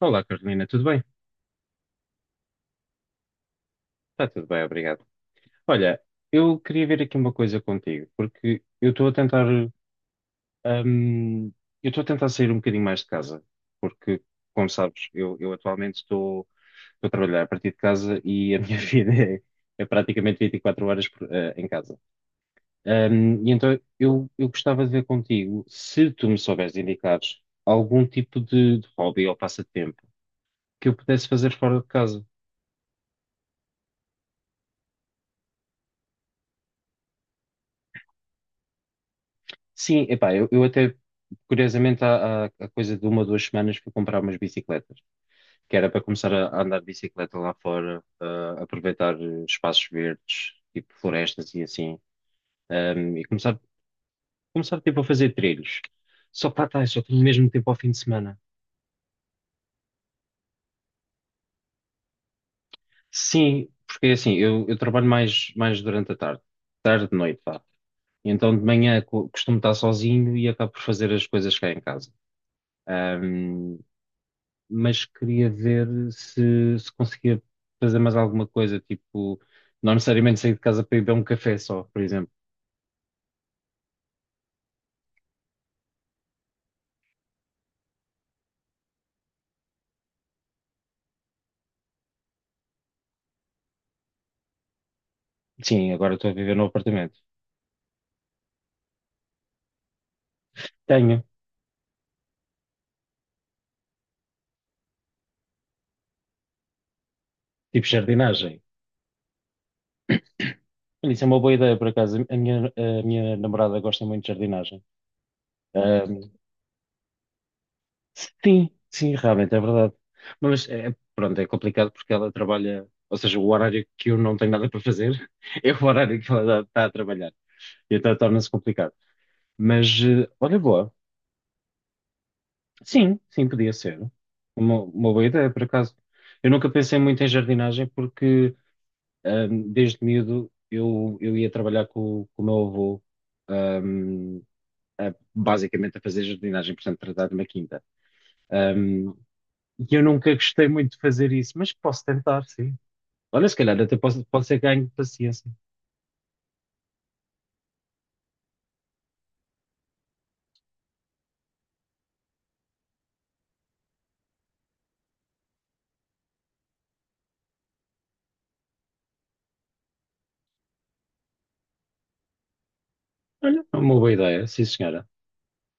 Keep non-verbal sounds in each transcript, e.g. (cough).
Olá, Carolina, tudo bem? Está tudo bem, obrigado. Olha, eu queria ver aqui uma coisa contigo, porque eu estou a tentar, hum, eu estou a tentar sair um bocadinho mais de casa, porque, como sabes, eu atualmente estou, estou a trabalhar a partir de casa e a minha (laughs) vida é, é praticamente 24 horas em casa. E então eu gostava de ver contigo se tu me souberes indicar algum tipo de hobby ou passatempo que eu pudesse fazer fora de casa. Sim, epá, eu até, curiosamente, há coisa de uma ou duas semanas fui comprar umas bicicletas, que era para começar a andar de bicicleta lá fora, a aproveitar espaços verdes, tipo florestas e assim, e começar, começar tipo a fazer trilhos. Só que lá está, só tenho mesmo tempo ao fim de semana. Sim, porque é assim, eu trabalho mais, mais durante a tarde, tarde, noite, vá. E então de manhã costumo estar sozinho e acabo por fazer as coisas cá em casa. Hum, mas queria ver se, se conseguia fazer mais alguma coisa, tipo, não necessariamente sair de casa para ir beber um café só, por exemplo. Sim, agora estou a viver no apartamento. Tenho, tipo, jardinagem. Olha, isso é uma boa ideia, por acaso. A minha namorada gosta muito de jardinagem. Ahm, sim, sim, realmente, é verdade. Mas, é, pronto, é complicado porque ela trabalha, ou seja, o horário que eu não tenho nada para fazer (laughs) é o horário que ela está a trabalhar. E então torna-se complicado. Mas, olha, boa. Sim, sim, podia ser. Uma boa ideia, por acaso. Eu nunca pensei muito em jardinagem porque desde miúdo eu ia trabalhar com o meu avô, ahm, basicamente a fazer jardinagem, portanto, tratar de uma quinta. Ahm, e eu nunca gostei muito de fazer isso, mas posso tentar, sim. Olha, se calhar até posso, pode ser ganho de paciência. Olha, é uma boa ideia, sim, senhora.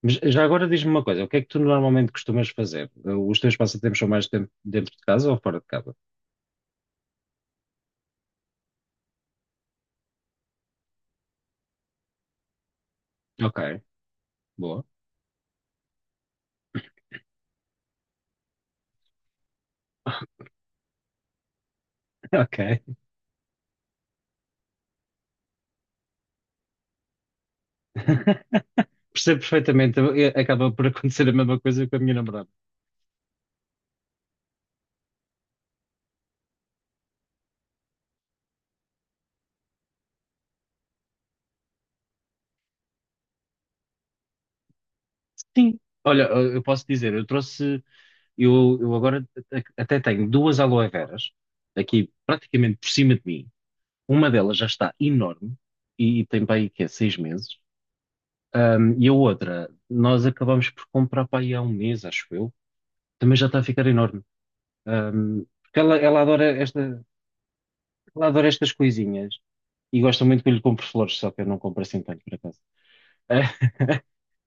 Mas já agora diz-me uma coisa, o que é que tu normalmente costumas fazer? Os teus passatempos são mais dentro, dentro de casa ou fora de casa? Ok. Boa. (laughs) Ok. (laughs) Percebo perfeitamente. Eu- acaba por acontecer a mesma coisa com a minha namorada. Sim. Olha, eu posso dizer, eu trouxe, eu agora até tenho duas aloe veras aqui praticamente por cima de mim. Uma delas já está enorme e tem para aí que é 6 meses. E a outra, nós acabamos por comprar para aí há um mês, acho eu. Também já está a ficar enorme. Porque ela adora esta, ela adora estas coisinhas e gosta muito que eu lhe compre flores, só que eu não compro assim tanto para É,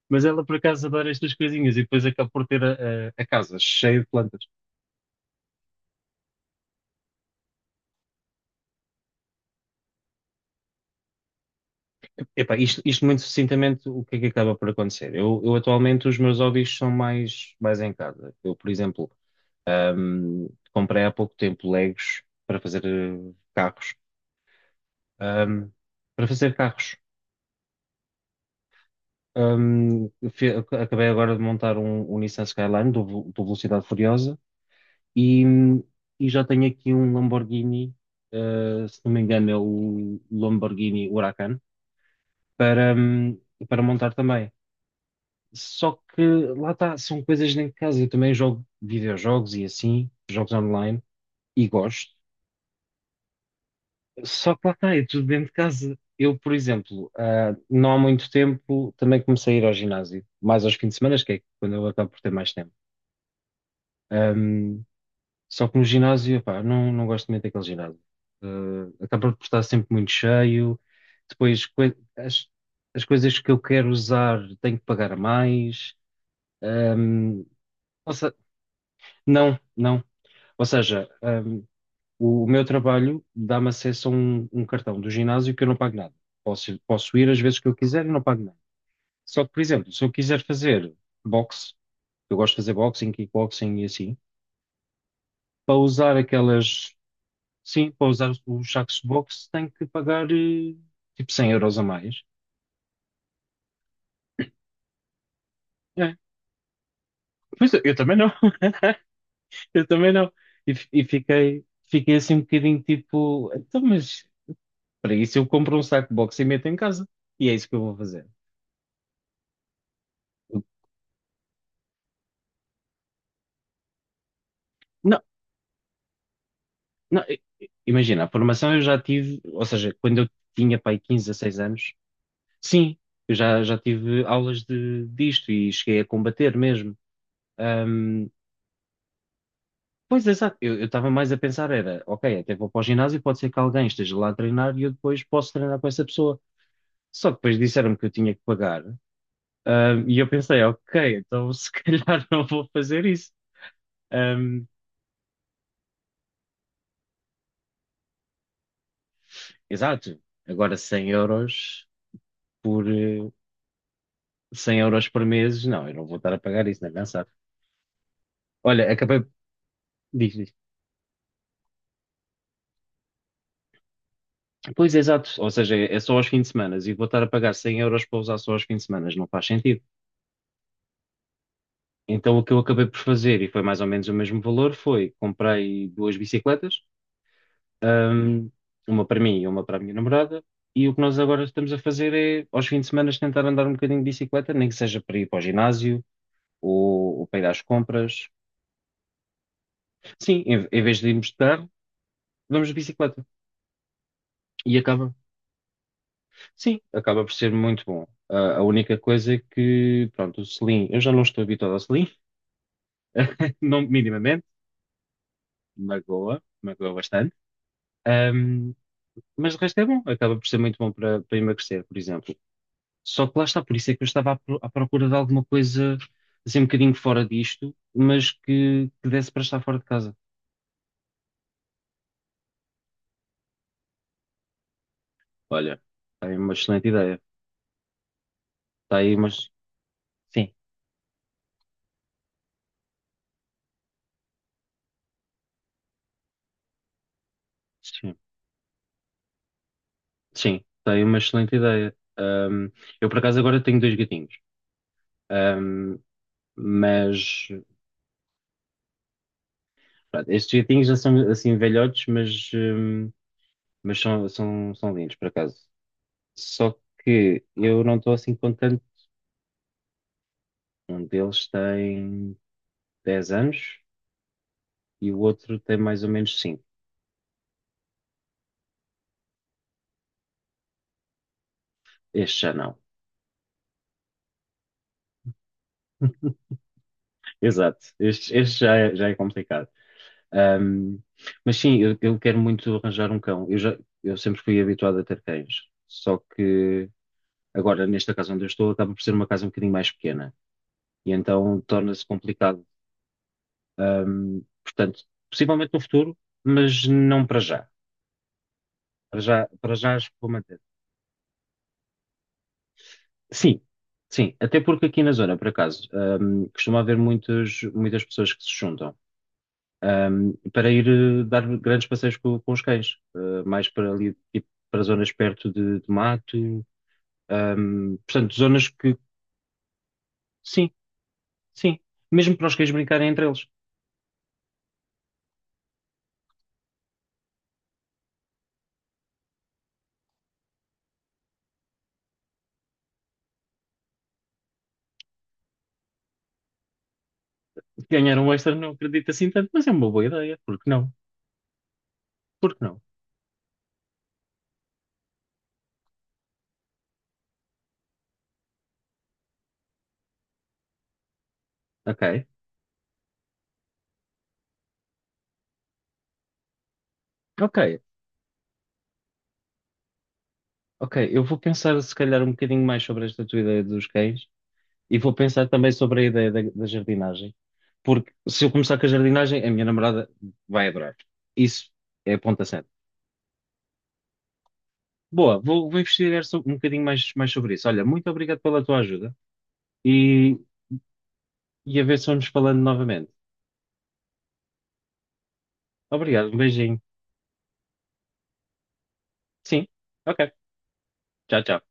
mas ela por acaso adora estas coisinhas e depois acaba por ter a, a casa cheia de plantas. Epá, isto muito sucintamente, o que é que acaba por acontecer? Eu atualmente os meus hobbies são mais, mais em casa. Eu, por exemplo, ahm, comprei há pouco tempo Legos para fazer carros. Ahm, para fazer carros. Acabei agora de montar um, um Nissan Skyline do, do Velocidade Furiosa E, e já tenho aqui um Lamborghini, se não me engano é o Lamborghini Huracan, para, para montar também. Só que lá está, são coisas dentro de casa. Eu também jogo videojogos e assim, jogos online, e gosto. Só que lá está, é tudo dentro de casa. Eu, por exemplo, não há muito tempo também comecei a ir ao ginásio, mais aos fins de semana, que é quando eu acabo por ter mais tempo. Só que no ginásio, pá, não, não gosto muito daquele ginásio. Acaba por estar sempre muito cheio. Depois, as, as coisas que eu quero usar tenho que pagar mais. Ahm, ou se- não, não. Ou seja, o meu trabalho dá-me acesso a um, um cartão do ginásio que eu não pago nada. Posso, posso ir às vezes que eu quiser e não pago nada. Só que, por exemplo, se eu quiser fazer boxe, eu gosto de fazer boxing, kickboxing e assim, para usar aquelas Sim, para usar o Jackbox tem que pagar tipo 100 euros a mais. É. Pois eu também não, (laughs) eu também não. E fiquei, fiquei assim um bocadinho tipo, então, mas para isso eu compro um saco Jackbox e meto em casa. E é isso que eu vou fazer. Não, não, imagina, a formação eu já tive, ou seja, quando eu tinha pai 15, 16 anos, sim, eu já, já tive aulas de, disto e cheguei a combater mesmo. Pois, exato. Eu estava mais a pensar era, ok, até vou para o ginásio, pode ser que alguém esteja lá a treinar e eu depois posso treinar com essa pessoa. Só que depois disseram-me que eu tinha que pagar. E eu pensei, ok, então se (laughs) calhar não vou fazer isso. Ahm, exato. Agora 100 euros por, eh, 100 euros por mês, não, eu não vou estar a pagar isso, nem pensar. Olha, acabei... Diz, diz. Pois, exato. Ou seja, é só aos fins de semana e vou estar a pagar 100 euros para usar só aos fins de semana. Não faz sentido. Então, o que eu acabei por fazer, e foi mais ou menos o mesmo valor, foi comprei duas bicicletas, hum, uma para mim e uma para a minha namorada, e o que nós agora estamos a fazer é, aos fins de semana, tentar andar um bocadinho de bicicleta, nem que seja para ir para o ginásio ou para ir às compras. Sim, em vez de irmos de carro, vamos de bicicleta. E acaba, sim, acaba por ser muito bom. Ah, a única coisa é que, pronto, o selim, eu já não estou habituado ao selim, (laughs) não minimamente, magoa, magoa bastante. Hum, Mas o resto é bom, acaba por ser muito bom para, para emagrecer, por exemplo. Só que lá está, por isso é que eu estava à procura de alguma coisa assim um bocadinho fora disto, mas que desse para estar fora de casa. Olha, está aí uma excelente ideia. Está aí umas. Sim, sim, sim, está aí uma excelente ideia. Eu por acaso agora tenho dois gatinhos, Ahm, mas pronto, estes gatinhos já são assim velhotes, mas são, são, são lindos por acaso. Só que eu não estou assim contente Um deles tem 10 anos e o outro tem mais ou menos 5. Este já não. Exato. Este já é complicado. Ahm, mas sim, eu quero muito arranjar um cão. Eu, já, eu sempre fui habituado a ter cães. Só que agora, nesta casa onde eu estou, acaba por ser uma casa um bocadinho mais pequena. E então torna-se complicado. Portanto, possivelmente no futuro, mas não para já. Para já, para já acho que vou manter. Sim, sim, até porque aqui na zona, por acaso, costuma haver muitas, muitas pessoas que se juntam, para ir dar grandes passeios com, os cães, mais para ali, tipo, para zonas perto de mato, portanto, zonas que, sim, sim, mesmo para os cães brincarem entre eles. Ganhar um extra não acredito assim tanto, mas é uma boa ideia, porque não? Porque não? Ok, ok, ok, eu vou pensar se calhar um bocadinho mais sobre esta tua ideia dos cães e vou pensar também sobre a ideia da jardinagem, porque se eu começar com a jardinagem, a minha namorada vai adorar. Isso é ponto ponta. Boa, vou, vou investigar um bocadinho mais, mais sobre isso. Olha, muito obrigado pela tua ajuda e, e a ver se vamos falando novamente. Obrigado, um beijinho. Sim, ok. Tchau, tchau.